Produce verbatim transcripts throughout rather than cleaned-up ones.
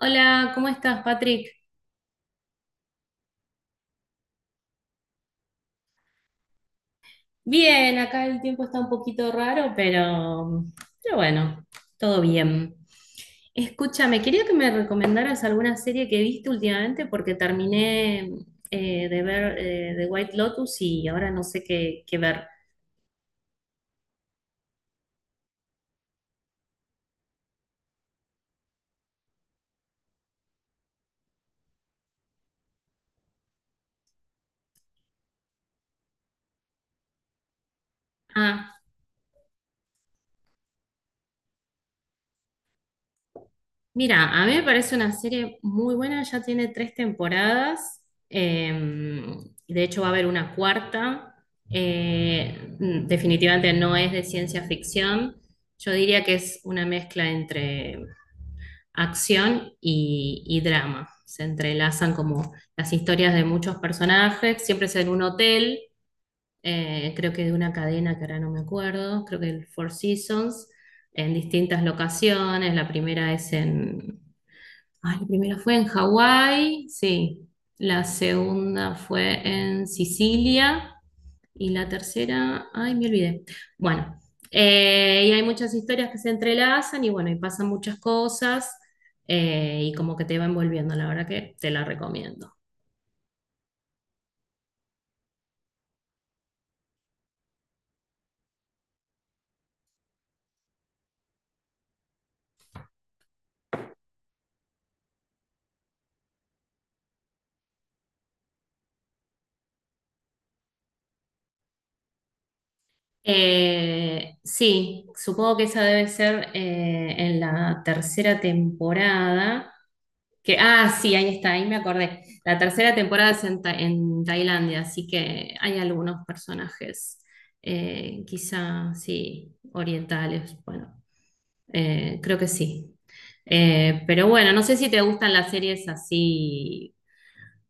Hola, ¿cómo estás, Patrick? Bien, acá el tiempo está un poquito raro, pero, pero bueno, todo bien. Escúchame, quería que me recomendaras alguna serie que viste últimamente porque terminé eh, de ver eh, The White Lotus y ahora no sé qué, qué ver. Ah, mira, a mí me parece una serie muy buena, ya tiene tres temporadas, eh, y de hecho va a haber una cuarta. Eh, mm, definitivamente no es de ciencia ficción, yo diría que es una mezcla entre acción y, y drama, se entrelazan como las historias de muchos personajes, siempre es en un hotel. Eh, creo que de una cadena que ahora no me acuerdo, creo que el Four Seasons, en distintas locaciones, la primera es en... Ah, la primera fue en Hawái, sí. La segunda fue en Sicilia. Y la tercera, ay, me olvidé. Bueno, eh, y hay muchas historias que se entrelazan y bueno, y pasan muchas cosas, eh, y como que te va envolviendo, la verdad que te la recomiendo. Eh, sí, supongo que esa debe ser eh, en la tercera temporada. Que, ah, sí, ahí está, ahí me acordé. La tercera temporada es en, Ta- en Tailandia, así que hay algunos personajes, eh, quizá, sí, orientales, bueno, eh, creo que sí. Eh, pero bueno, no sé si te gustan las series así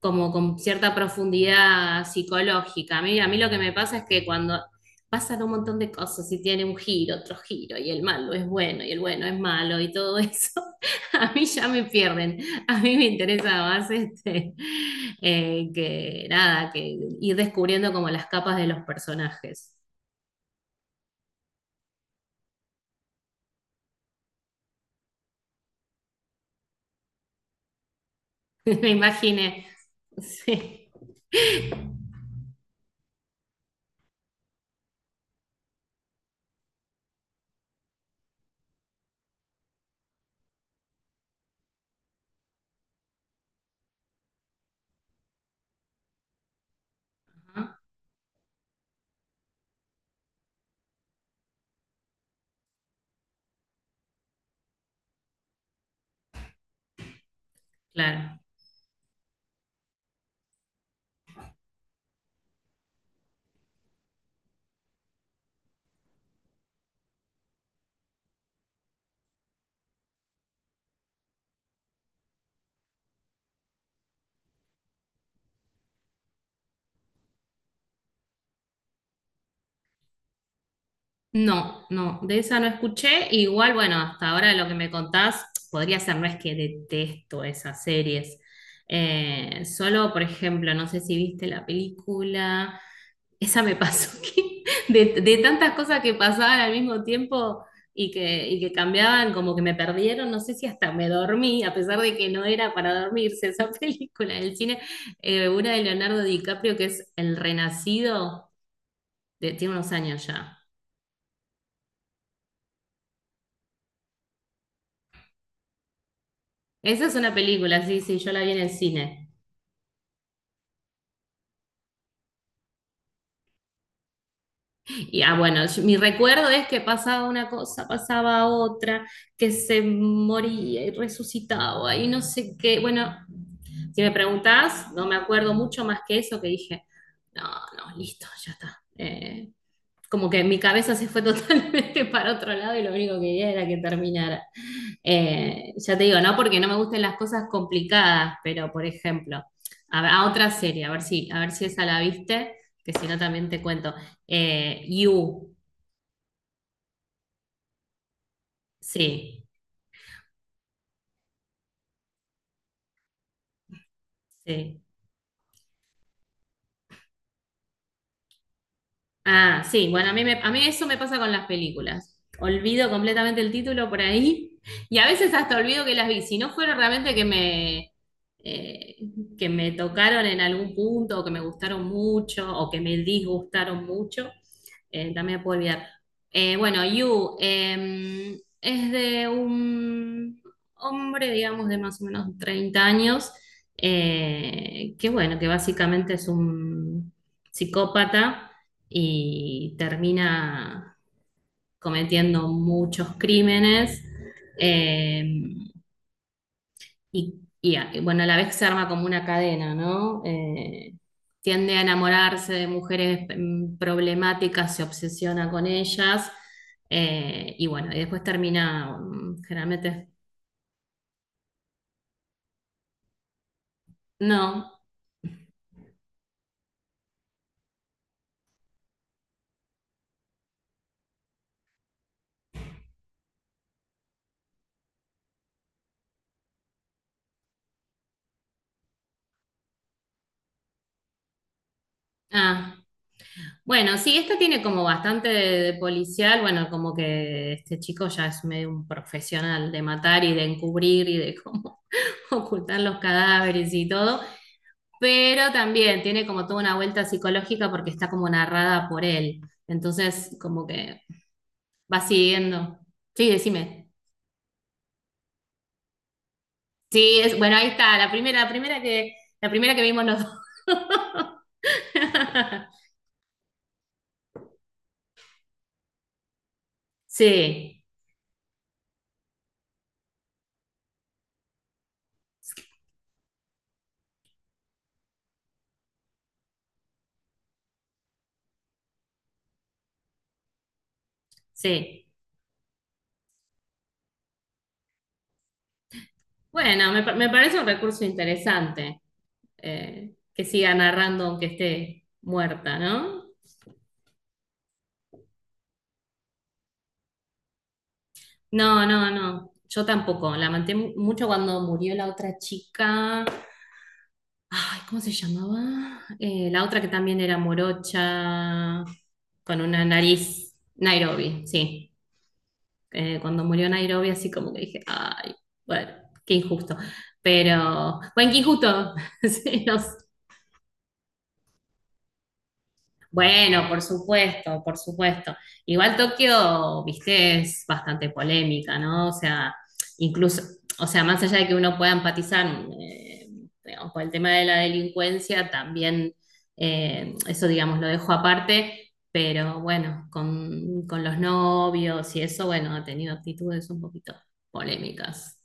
como con cierta profundidad psicológica. A mí, a mí lo que me pasa es que cuando pasan un montón de cosas y tiene un giro, otro giro, y el malo es bueno y el bueno es malo y todo eso, a mí ya me pierden. A mí me interesa más este, eh, que nada, que ir descubriendo como las capas de los personajes. me imaginé. Sí. Claro. No, no, de esa no escuché. Igual, bueno, hasta ahora lo que me contás podría ser, no es que detesto esas series. Eh, solo, por ejemplo, no sé si viste la película, esa me pasó que de, de tantas cosas que pasaban al mismo tiempo y que, y que cambiaban, como que me perdieron, no sé si hasta me dormí, a pesar de que no era para dormirse esa película en el cine, eh, una de Leonardo DiCaprio que es El Renacido, de- tiene unos años ya. Esa es una película, sí, sí, yo la vi en el cine. Y ah, bueno, yo- mi recuerdo es que pasaba una cosa, pasaba otra, que se moría y resucitaba y no sé qué. Bueno, si me preguntás, no me acuerdo mucho más que eso que dije, no, no, listo, ya está. Eh, como que mi cabeza se fue totalmente para otro lado y lo único que quería era que terminara. Eh, ya te digo, no porque no me gusten las cosas complicadas, pero por ejemplo, a, ver- a otra serie, a ver si, a ver si esa la viste, que si no también te cuento. Eh, You, sí, sí. Ah, sí, bueno, a mí, me- a mí eso me pasa con las películas. Olvido completamente el título por ahí y a veces hasta olvido que las vi. Si no fueron realmente que me, eh, que me tocaron en algún punto o que me gustaron mucho o que me disgustaron mucho, eh, también puedo olvidar. Eh, bueno, You eh, es de un hombre, digamos, de más o menos treinta años, eh, que bueno, que básicamente es un psicópata y termina cometiendo muchos crímenes. eh, y, y y bueno, a la vez se arma como una cadena, ¿no? Eh, tiende a enamorarse de mujeres mm, problemáticas, se obsesiona con ellas. Eh, y bueno, y después termina, mm, generalmente, no. Ah, bueno, sí, esta tiene como bastante de, de policial, bueno, como que este chico ya es medio un profesional de matar y de encubrir y de cómo ocultan los cadáveres y todo, pero también tiene como toda una vuelta psicológica porque está como narrada por él. Entonces, como que va siguiendo. Sí, decime. Sí, es, bueno, ahí está, la primera, la primera que, la primera que vimos los dos. Sí, sí. Bueno, me, pa- me parece un recurso interesante, eh, que siga narrando aunque esté muerta, ¿no? No, no, no. Yo tampoco. La manté mu- mucho cuando murió la otra chica. Ay, ¿cómo se llamaba? Eh, la otra que también era morocha, con una nariz. Nairobi, sí. Eh, cuando murió Nairobi, así como que dije, ay, bueno, qué injusto. Pero, bueno, qué injusto. Sí, no sé. Bueno, por supuesto, por supuesto. Igual Tokio, viste, es bastante polémica, ¿no? O sea, incluso, o sea, más allá de que uno pueda empatizar, eh, digamos, por el tema de la delincuencia, también eh, eso, digamos, lo dejo aparte, pero bueno, con, con los novios y eso, bueno, ha tenido actitudes un poquito polémicas.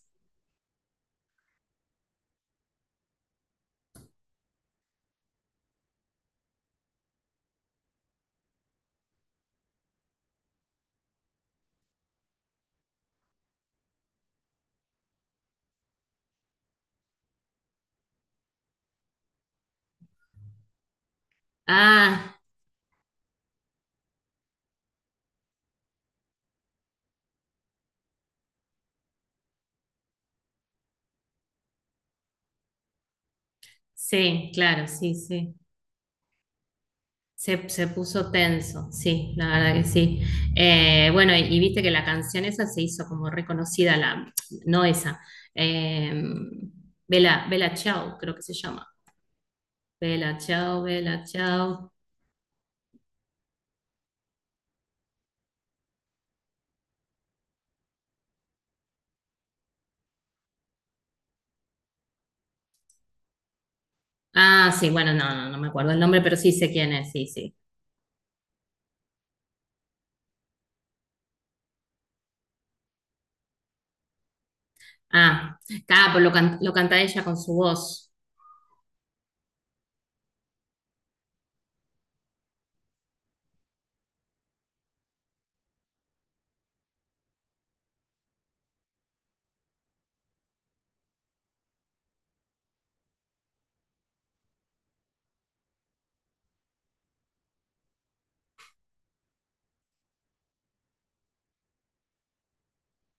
Ah, sí, claro, sí, sí. Se, se puso tenso, sí, la verdad que sí. Eh, bueno, y, y viste que la canción esa se hizo como reconocida, la, no esa, eh, Bella, Bella Ciao, creo que se llama. Bella Ciao, Bella Ciao. Ah, sí, bueno, no, no, no me acuerdo el nombre, pero sí sé quién es, sí, sí. Ah, claro, pues lo, can- lo canta ella con su voz.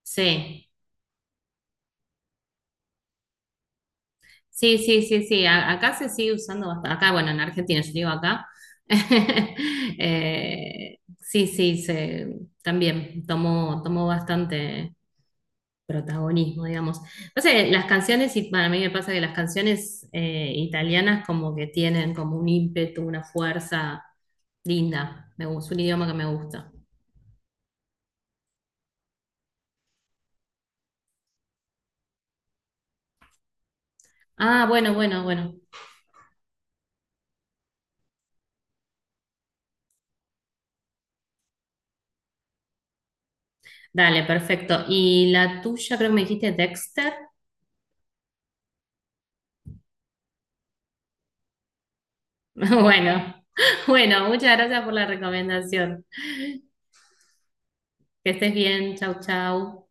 Sí. Sí, sí, sí, sí. a- Acá se sigue usando bastante. Acá, bueno, en Argentina, yo digo acá. Eh, sí, sí, se, también tomó, tomó bastante protagonismo, digamos. Pasa que las canciones, y para mí me pasa que las canciones eh, italianas como que tienen como un ímpetu, una fuerza linda. Me gusta, es un idioma que me gusta. Ah, bueno, bueno, bueno. Dale, perfecto. ¿Y la tuya creo que me dijiste Dexter? Bueno, bueno, muchas gracias por la recomendación. Que estés bien, chau, chau.